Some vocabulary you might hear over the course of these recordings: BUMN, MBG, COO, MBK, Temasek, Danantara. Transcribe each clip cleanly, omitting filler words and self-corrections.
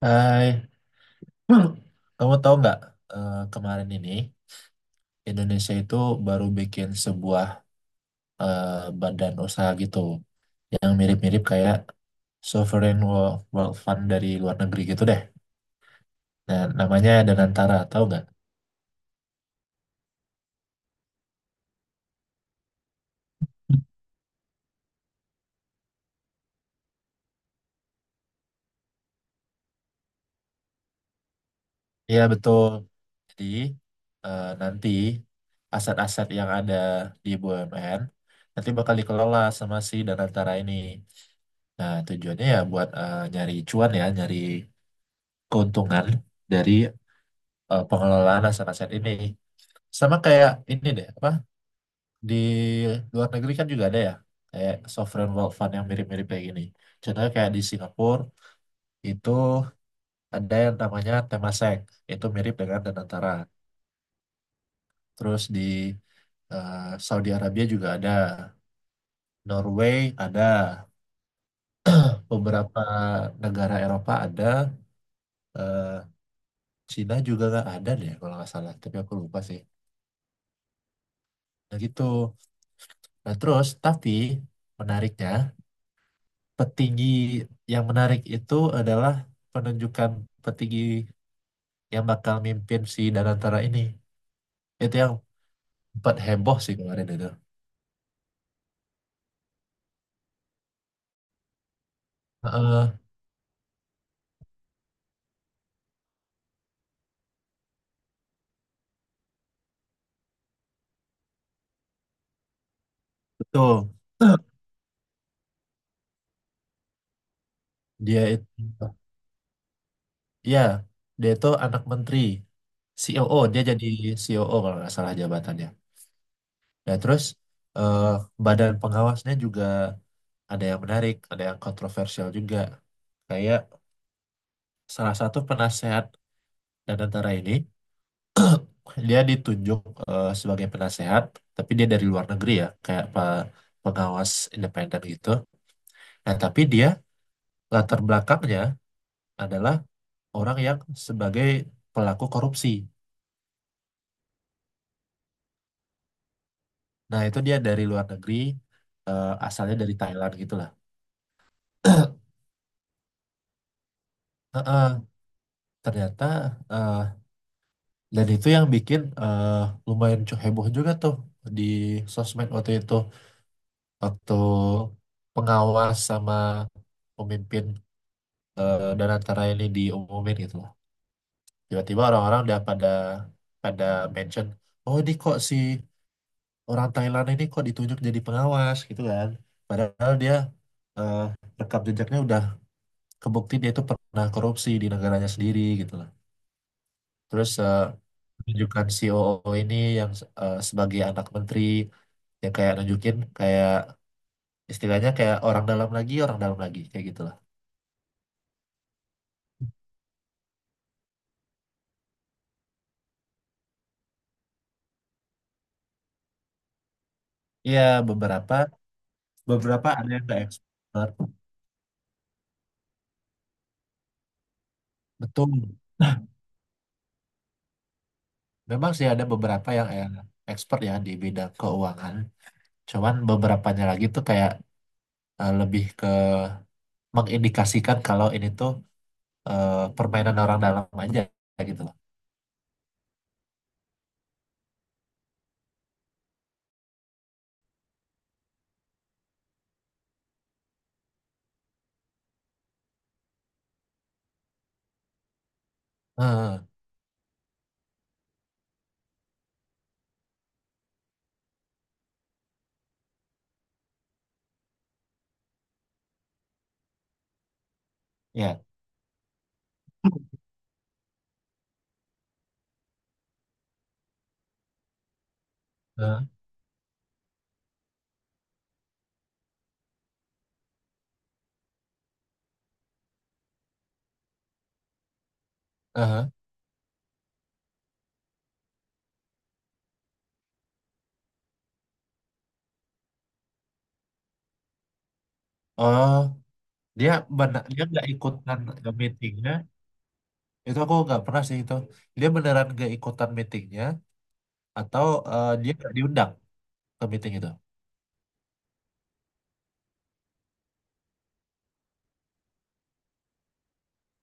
Hai, kamu tahu nggak kemarin ini Indonesia itu baru bikin sebuah eh, badan usaha gitu yang mirip-mirip kayak Sovereign Wealth Fund dari luar negeri gitu deh. Nah, namanya Danantara, tahu nggak? Iya, betul. Jadi nanti aset-aset yang ada di BUMN nanti bakal dikelola sama si Danantara ini. Nah, tujuannya ya buat nyari cuan ya, nyari keuntungan dari pengelolaan aset-aset ini. Sama kayak ini deh, apa di luar negeri kan juga ada ya, kayak sovereign wealth fund yang mirip-mirip kayak gini. Contohnya kayak di Singapura itu ada yang namanya Temasek, itu mirip dengan Danantara. Terus di Saudi Arabia juga ada, Norway ada, beberapa negara Eropa ada, eh, Cina juga nggak ada deh kalau nggak salah, tapi aku lupa sih. Nah gitu. Nah terus, tapi menariknya petinggi yang menarik itu adalah penunjukan petinggi yang bakal mimpin si Danantara ini. Itu yang sempat heboh sih kemarin itu. Heeh, betul. Dia itu, ya, dia itu anak menteri, COO, dia jadi COO kalau nggak salah jabatannya. Ya, terus eh, badan pengawasnya juga ada yang menarik, ada yang kontroversial juga. Kayak salah satu penasehat Danantara ini, dia ditunjuk sebagai penasehat, tapi dia dari luar negeri ya, kayak pengawas independen gitu. Nah, tapi dia latar belakangnya adalah orang yang sebagai pelaku korupsi. Nah, itu dia dari luar negeri, asalnya dari Thailand gitulah. Heeh, ternyata eh, dan itu yang bikin lumayan heboh juga tuh di sosmed waktu itu, waktu pengawas sama pemimpin dan antara ini diumumin gitu, tiba-tiba orang-orang udah pada pada mention, oh ini kok si orang Thailand ini kok ditunjuk jadi pengawas gitu kan, padahal dia eh, rekam jejaknya udah kebukti dia itu pernah korupsi di negaranya sendiri gitu lah. Terus tunjukkan COO ini yang sebagai anak menteri yang kayak nunjukin kayak istilahnya kayak orang dalam lagi kayak gitulah. Iya, beberapa beberapa ada yang nggak expert, betul. Memang sih ada beberapa yang expert ya di bidang keuangan. Cuman beberapanya lagi tuh kayak lebih ke mengindikasikan kalau ini tuh permainan orang dalam aja gitu loh. Eh, ya. Eh, eh. Oh, dia benar dia nggak ikutan meetingnya. Itu aku nggak pernah sih itu. Dia beneran nggak ikutan meetingnya atau dia nggak diundang ke meeting itu?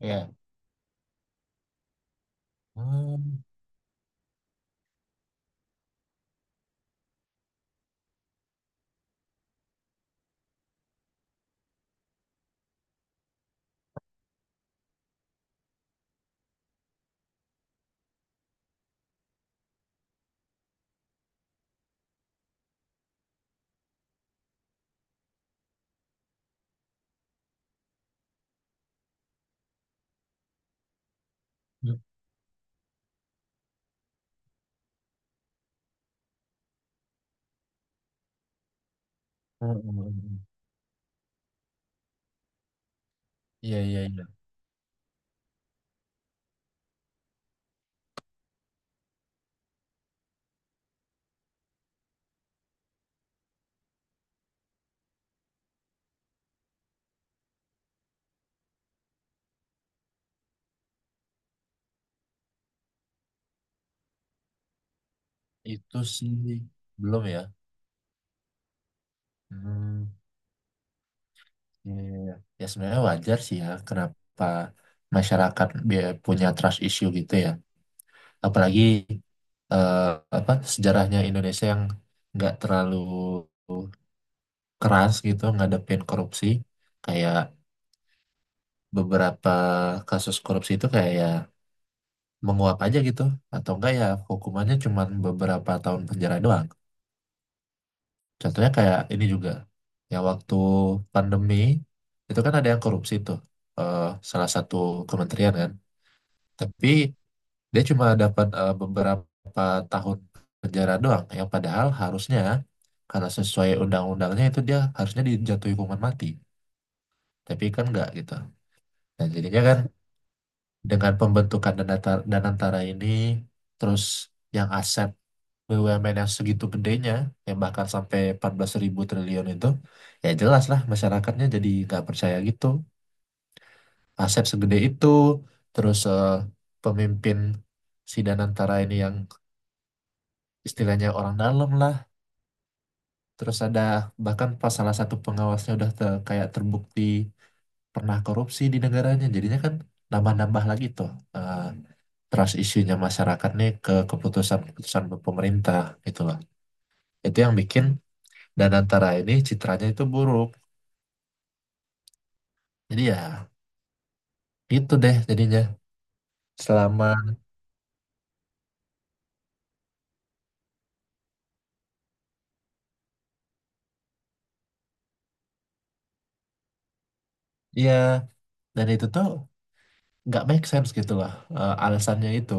Ya. Hmm. Hmm. Iya, iya, iya. Itu sih belum ya. Hmm. Iya, iya, iya. Ya sebenarnya wajar sih ya kenapa masyarakat punya trust issue gitu ya. Apalagi eh, apa sejarahnya Indonesia yang nggak terlalu keras gitu ngadepin korupsi. Kayak beberapa kasus korupsi itu kayak ya menguap aja gitu, atau enggak ya hukumannya cuma beberapa tahun penjara doang. Contohnya kayak ini juga, ya waktu pandemi itu kan ada yang korupsi tuh eh, salah satu kementerian kan. Tapi dia cuma dapat beberapa tahun penjara doang. Yang padahal harusnya karena sesuai undang-undangnya itu dia harusnya dijatuhi hukuman mati. Tapi kan enggak gitu. Dan jadinya kan dengan pembentukan Danantara ini, terus yang aset BUMN yang segitu gedenya yang bahkan sampai 14 ribu triliun itu, ya jelas lah masyarakatnya jadi nggak percaya gitu. Aset segede itu, terus pemimpin si Danantara ini yang istilahnya orang dalam lah, terus ada bahkan pas salah satu pengawasnya udah kayak terbukti pernah korupsi di negaranya, jadinya kan nambah-nambah lagi tuh eh, trust issue-nya masyarakat nih ke keputusan-keputusan pemerintah gitu. Itu yang bikin dan antara ini citranya itu buruk, jadi ya gitu deh jadinya selama ya. Dan itu tuh nggak make sense gitu lah alasannya itu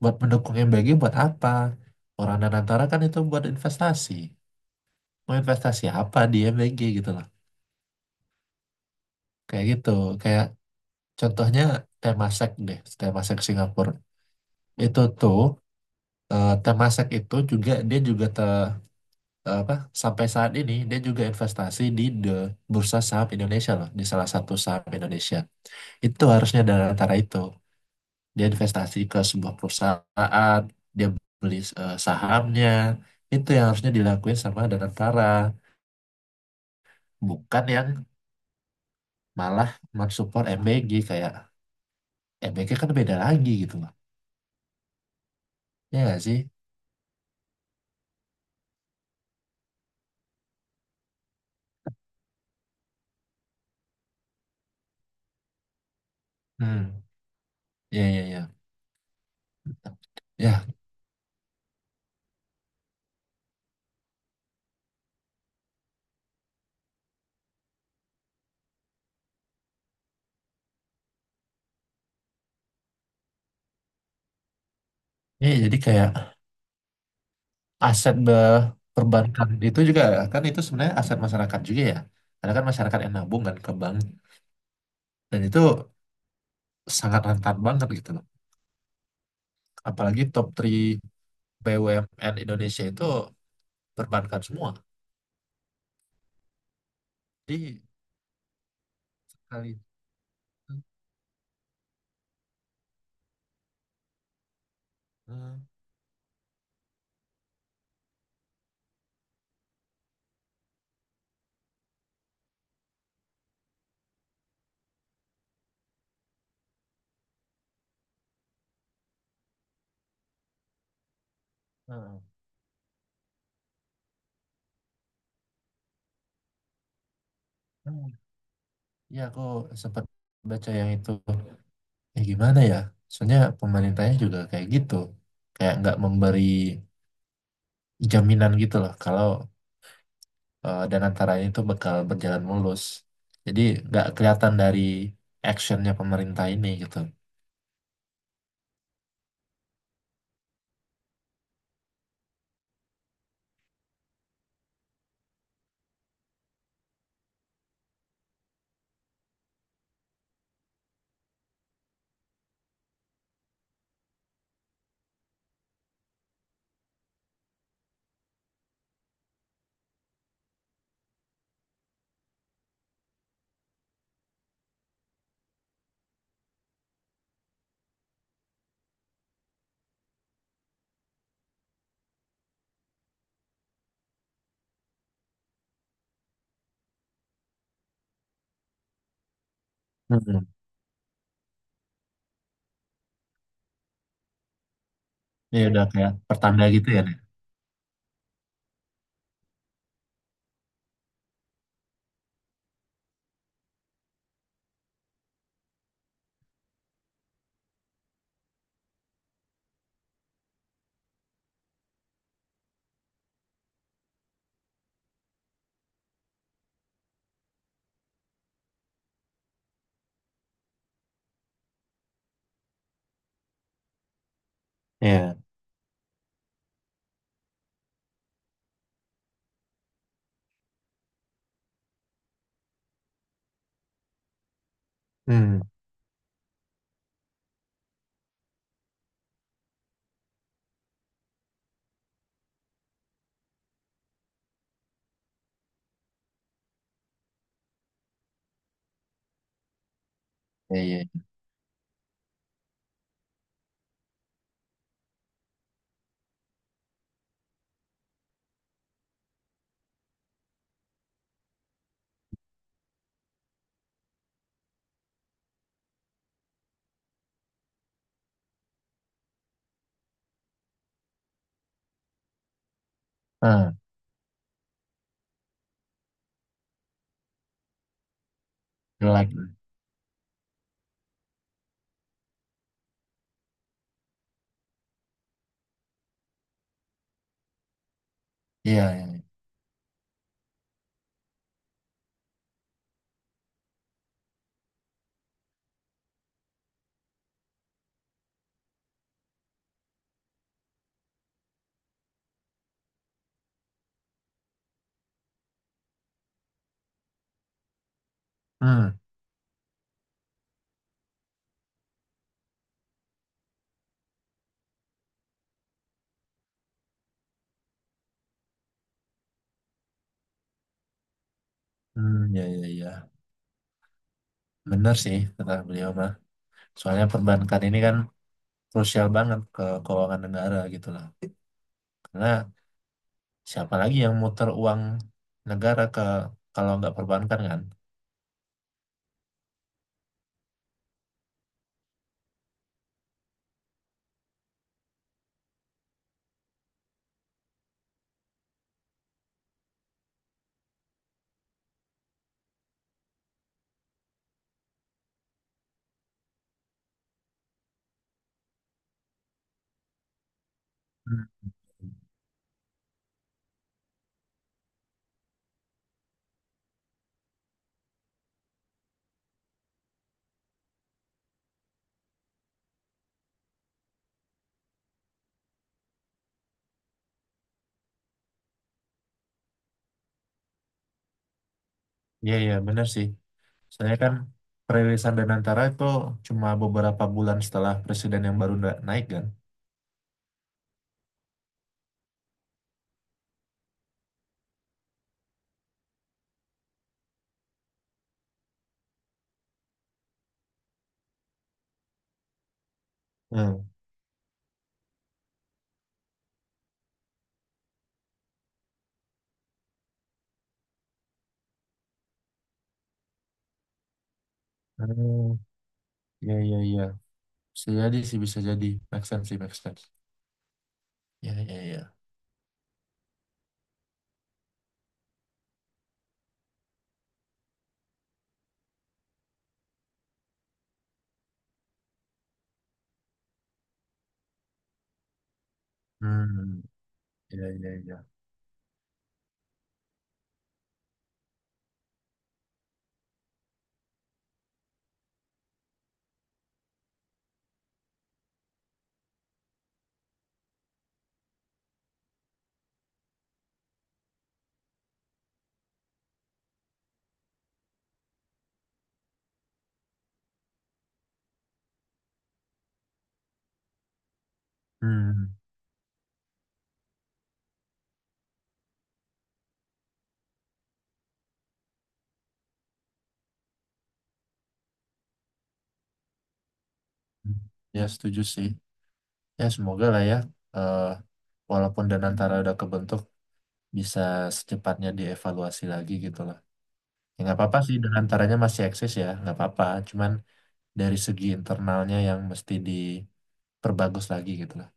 buat mendukung MBG. Buat apa orang Danantara kan itu buat investasi, mau investasi apa di MBG gitu lah, kayak gitu. Kayak contohnya Temasek deh, Temasek Singapura itu tuh Temasek itu juga dia juga apa sampai saat ini dia juga investasi di the bursa saham Indonesia loh, di salah satu saham Indonesia. Itu harusnya dari antara itu dia investasi ke sebuah perusahaan, dia beli sahamnya. Itu yang harusnya dilakuin sama Danantara, bukan yang malah mensupport MBG kayak MBK kan beda lagi gitu loh. Ya nggak sih? Hmm. Ya, ya, ya. Ya, ya, jadi kayak aset perbankan itu juga, kan itu sebenarnya aset masyarakat juga ya. Karena kan masyarakat yang nabung kan ke bank, dan itu sangat rentan banget gitu loh. Apalagi top 3 BUMN Indonesia itu perbankan semua. Jadi sekali itu eh, eh, eh. Ya aku sempat baca yang itu. Ya gimana ya? Soalnya pemerintahnya juga kayak gitu. Kayak nggak memberi jaminan gitu loh kalau dan antaranya itu bakal berjalan mulus. Jadi nggak kelihatan dari actionnya pemerintah ini gitu. Hmm. Ini udah kayak pertanda gitu ya, Nek? Iya. Hmm. Iya, iya. Hmm, jelek. Iya, iya, iya. Hmm, hmm, iya, iya, iya. Bener sih kata beliau mah. Soalnya perbankan ini kan krusial banget ke keuangan negara gitu lah. Karena siapa lagi yang muter uang negara ke kalau nggak perbankan kan? Iya, iya, benar sih. Saya kan perilisan Danantara itu cuma beberapa bulan setelah presiden yang baru naik kan. Hmm. Hmm, iya, iya, iya. Bisa jadi sih, bisa jadi. Make sense sih, make sense. Iya, iya, iya. Hmm, iya, iya, iya. Hmm, hmm. Ya setuju sih. Ya semoga lah ya, eh, walaupun Danantara udah kebentuk, bisa secepatnya dievaluasi lagi gitu lah. Ya nggak apa-apa sih, Danantaranya masih eksis ya, nggak apa-apa. Cuman dari segi internalnya yang mesti perbagus lagi gitu lah.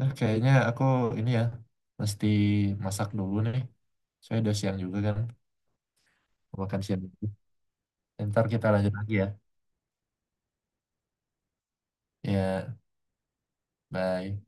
Kayaknya aku ini ya mesti masak dulu nih. Saya udah siang juga kan, makan siang dulu. Ntar kita lanjut lagi ya. Ya, bye.